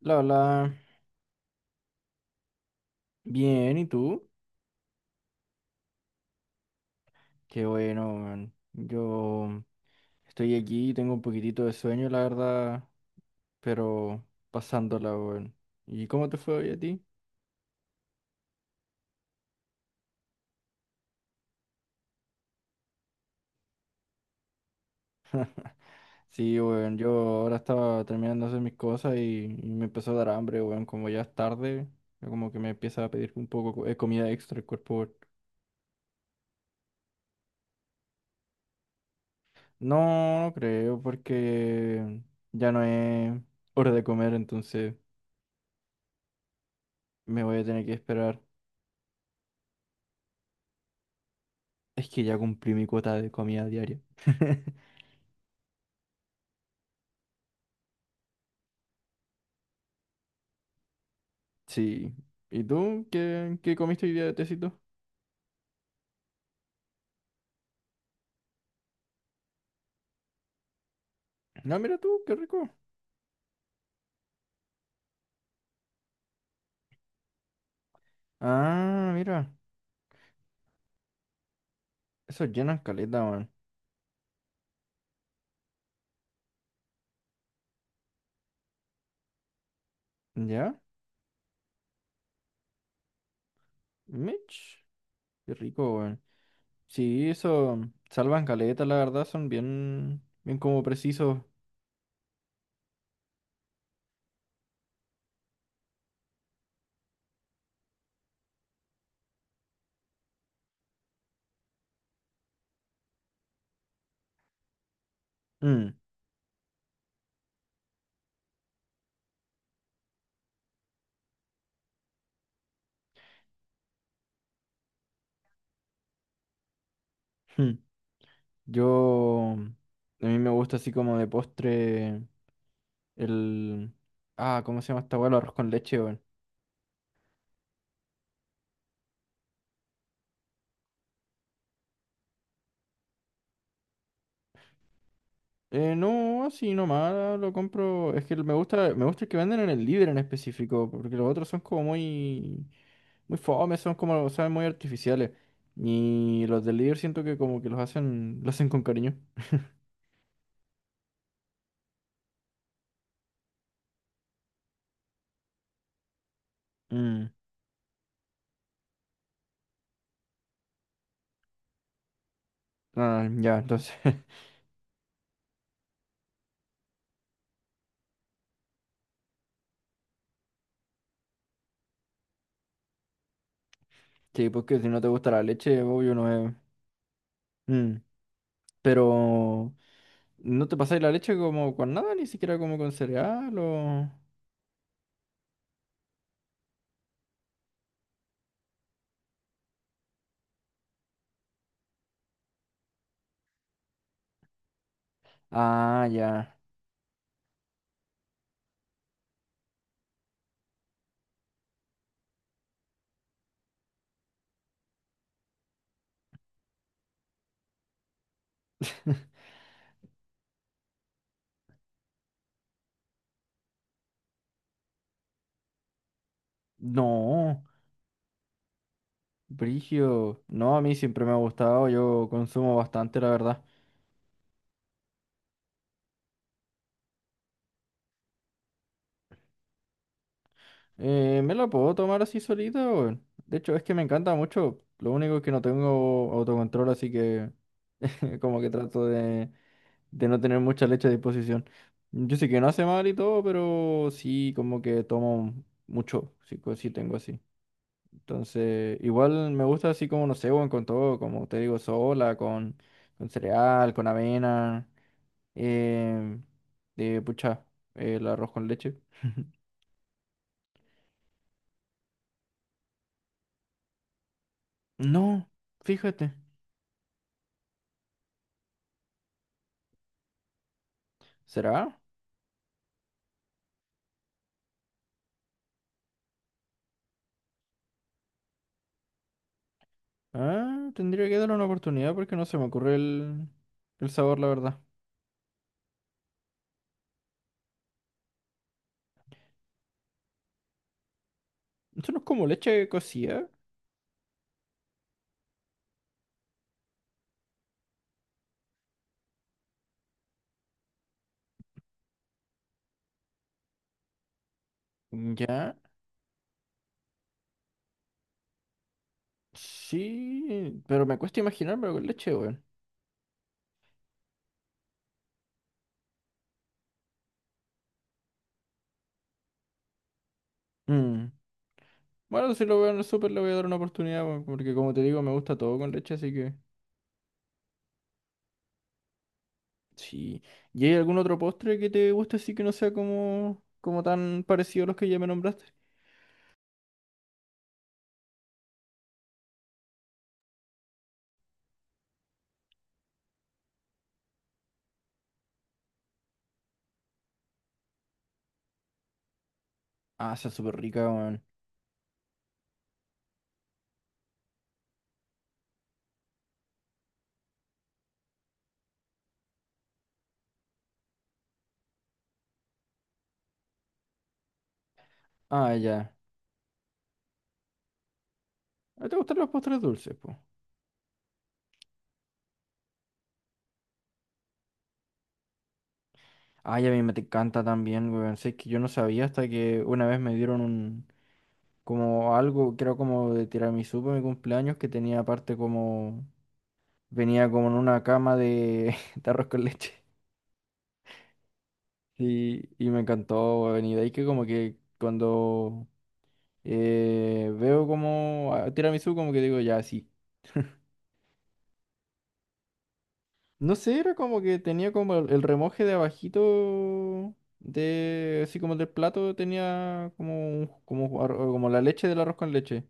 La, la, bien, ¿y tú? Qué bueno, man. Yo estoy aquí, tengo un poquitito de sueño, la verdad, pero pasándola, weón. ¿Y cómo te fue hoy a ti? Sí, weón, yo ahora estaba terminando de hacer mis cosas y me empezó a dar hambre, weón, como ya es tarde, yo como que me empieza a pedir un poco de comida extra el cuerpo, weón. No, no creo, porque ya no es hora de comer, entonces me voy a tener que esperar. Es que ya cumplí mi cuota de comida diaria. Sí. ¿Y tú qué comiste hoy día de tecito? No, mira tú, qué rico. Ah, mira. Eso llena caleta, weón. ¿Ya? Mitch. Qué rico, weón. Sí, eso salvan caleta, la verdad, son bien, bien como precisos. Mm, mm. Yo, a mí me gusta así como de postre el... Ah, ¿cómo se llama esta weá? El arroz con leche, weón. No, así nomás lo compro. Es que me gusta el que venden en el Líder en específico, porque los otros son como muy, muy fome, son como, saben, muy artificiales. Y los del Líder siento que como que los hacen, lo hacen con cariño. Mm, ah, ya, entonces. Sí, porque si no te gusta la leche, obvio no es. Mm, pero no te pasáis la leche como con nada, ni siquiera como con cereal o. Ah, ya. No. Brigio, no, a mí siempre me ha gustado, yo consumo bastante, la verdad. Me la puedo tomar así solita, weón. De hecho, es que me encanta mucho. Lo único es que no tengo autocontrol, así que como que trato de no tener mucha leche a disposición. Yo sé que no hace mal y todo, pero sí como que tomo mucho, sí, co- sí tengo así. Entonces, igual me gusta así como, no sé, weón, con todo, como te digo, sola, con cereal, con avena. Eh, de pucha, el arroz con leche. No, fíjate. ¿Será? Ah, tendría que darle una oportunidad porque no se me ocurre el sabor, la verdad. ¿Eso no es como leche cocida? Ya. Sí, pero me cuesta imaginármelo con leche, weón. Mm. Bueno, si lo veo en el súper le voy a dar una oportunidad, weón, porque como te digo, me gusta todo con leche, así que... Sí. ¿Y hay algún otro postre que te guste así que no sea como, como tan parecido a los que ya me nombraste? Ah, esa es súper rica, weón. Ah, ya. ¿A ti ¿Te gustan los postres dulces, pues? Ay, a mí me te encanta también, weón. Sé que yo no sabía hasta que una vez me dieron un... Como algo, creo como de tiramisú para mi cumpleaños, que tenía aparte como... Venía como en una cama de, de arroz con leche. Y me encantó, weón. Y de ahí que como que cuando veo como a- tiramisú, como que digo, ya, sí. No sé, era como que tenía como el remoje de abajito de así como del plato tenía como un- como ar- como la leche del arroz con leche.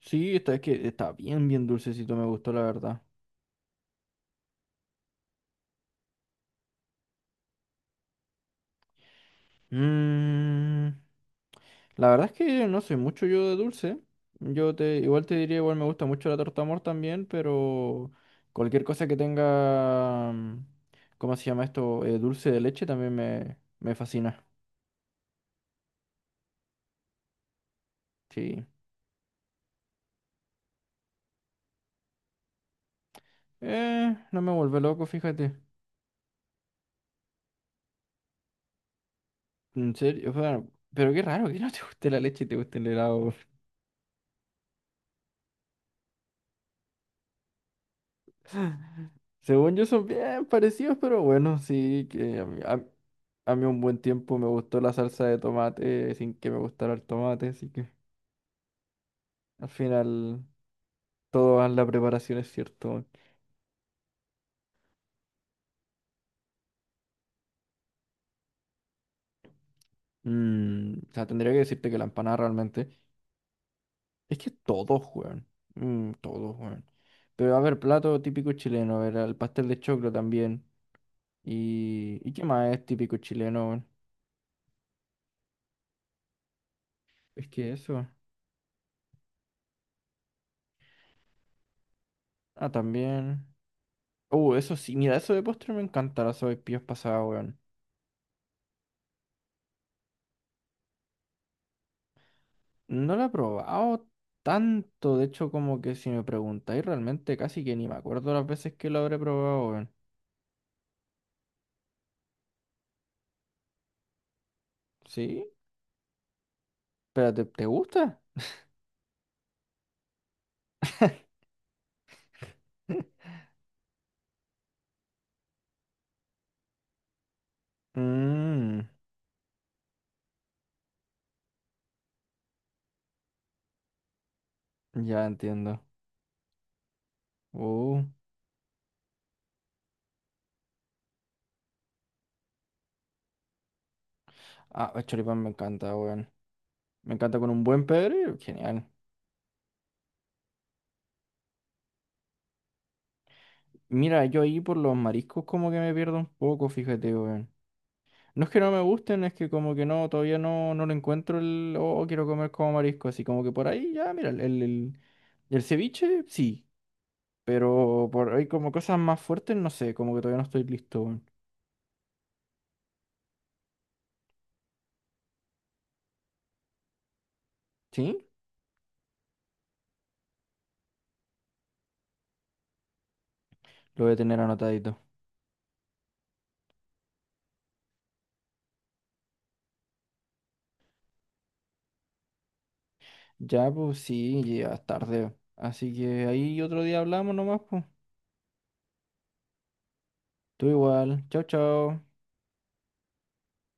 Sí, está, es que está bien bien dulcecito, me gustó la verdad. Mm, la verdad es que no soy mucho yo de dulce. Yo te igual te diría igual me gusta mucho la torta amor también, pero cualquier cosa que tenga mm, ¿cómo se llama esto? Dulce de leche también me fascina. Sí. No me vuelve loco, fíjate. En serio, o sea, pero qué raro que no te guste la leche y te guste el helado. Según yo son bien parecidos, pero bueno, sí, que a mí un buen tiempo me gustó la salsa de tomate sin que me gustara el tomate, así que al final toda la preparación es cierto. Mm, o sea, tendría que decirte que la empanada realmente es que todos juegan, mm, todos juegan. Pero a ver, plato típico chileno, a ver, el pastel de choclo también. ¿Y qué más es típico chileno? Weón? Es que eso. Ah, también. Eso sí, mira, eso de postre me encanta, la sopaipillas pasada, weón. No la he probado tanto, de hecho, como que si me preguntáis, realmente casi que ni me acuerdo las veces que lo habré probado, weón. ¿Sí? Espérate, ¿te gusta? Mmm, ya entiendo. Uh, ah, el choripán me encanta, weón. Me encanta con un buen pebre, genial. Mira, yo ahí por los mariscos como que me pierdo un poco, fíjate, weón. No es que no me gusten, es que como que no, todavía no, no lo encuentro el, oh, quiero comer como marisco, así como que por ahí ya, mira, el ceviche, sí, pero por ahí como cosas más fuertes, no sé, como que todavía no estoy listo, weón. ¿Sí? Lo voy a tener anotadito. Ya, pues sí, llegas tarde, así que ahí otro día hablamos nomás, pues. Tú igual, chao, chao.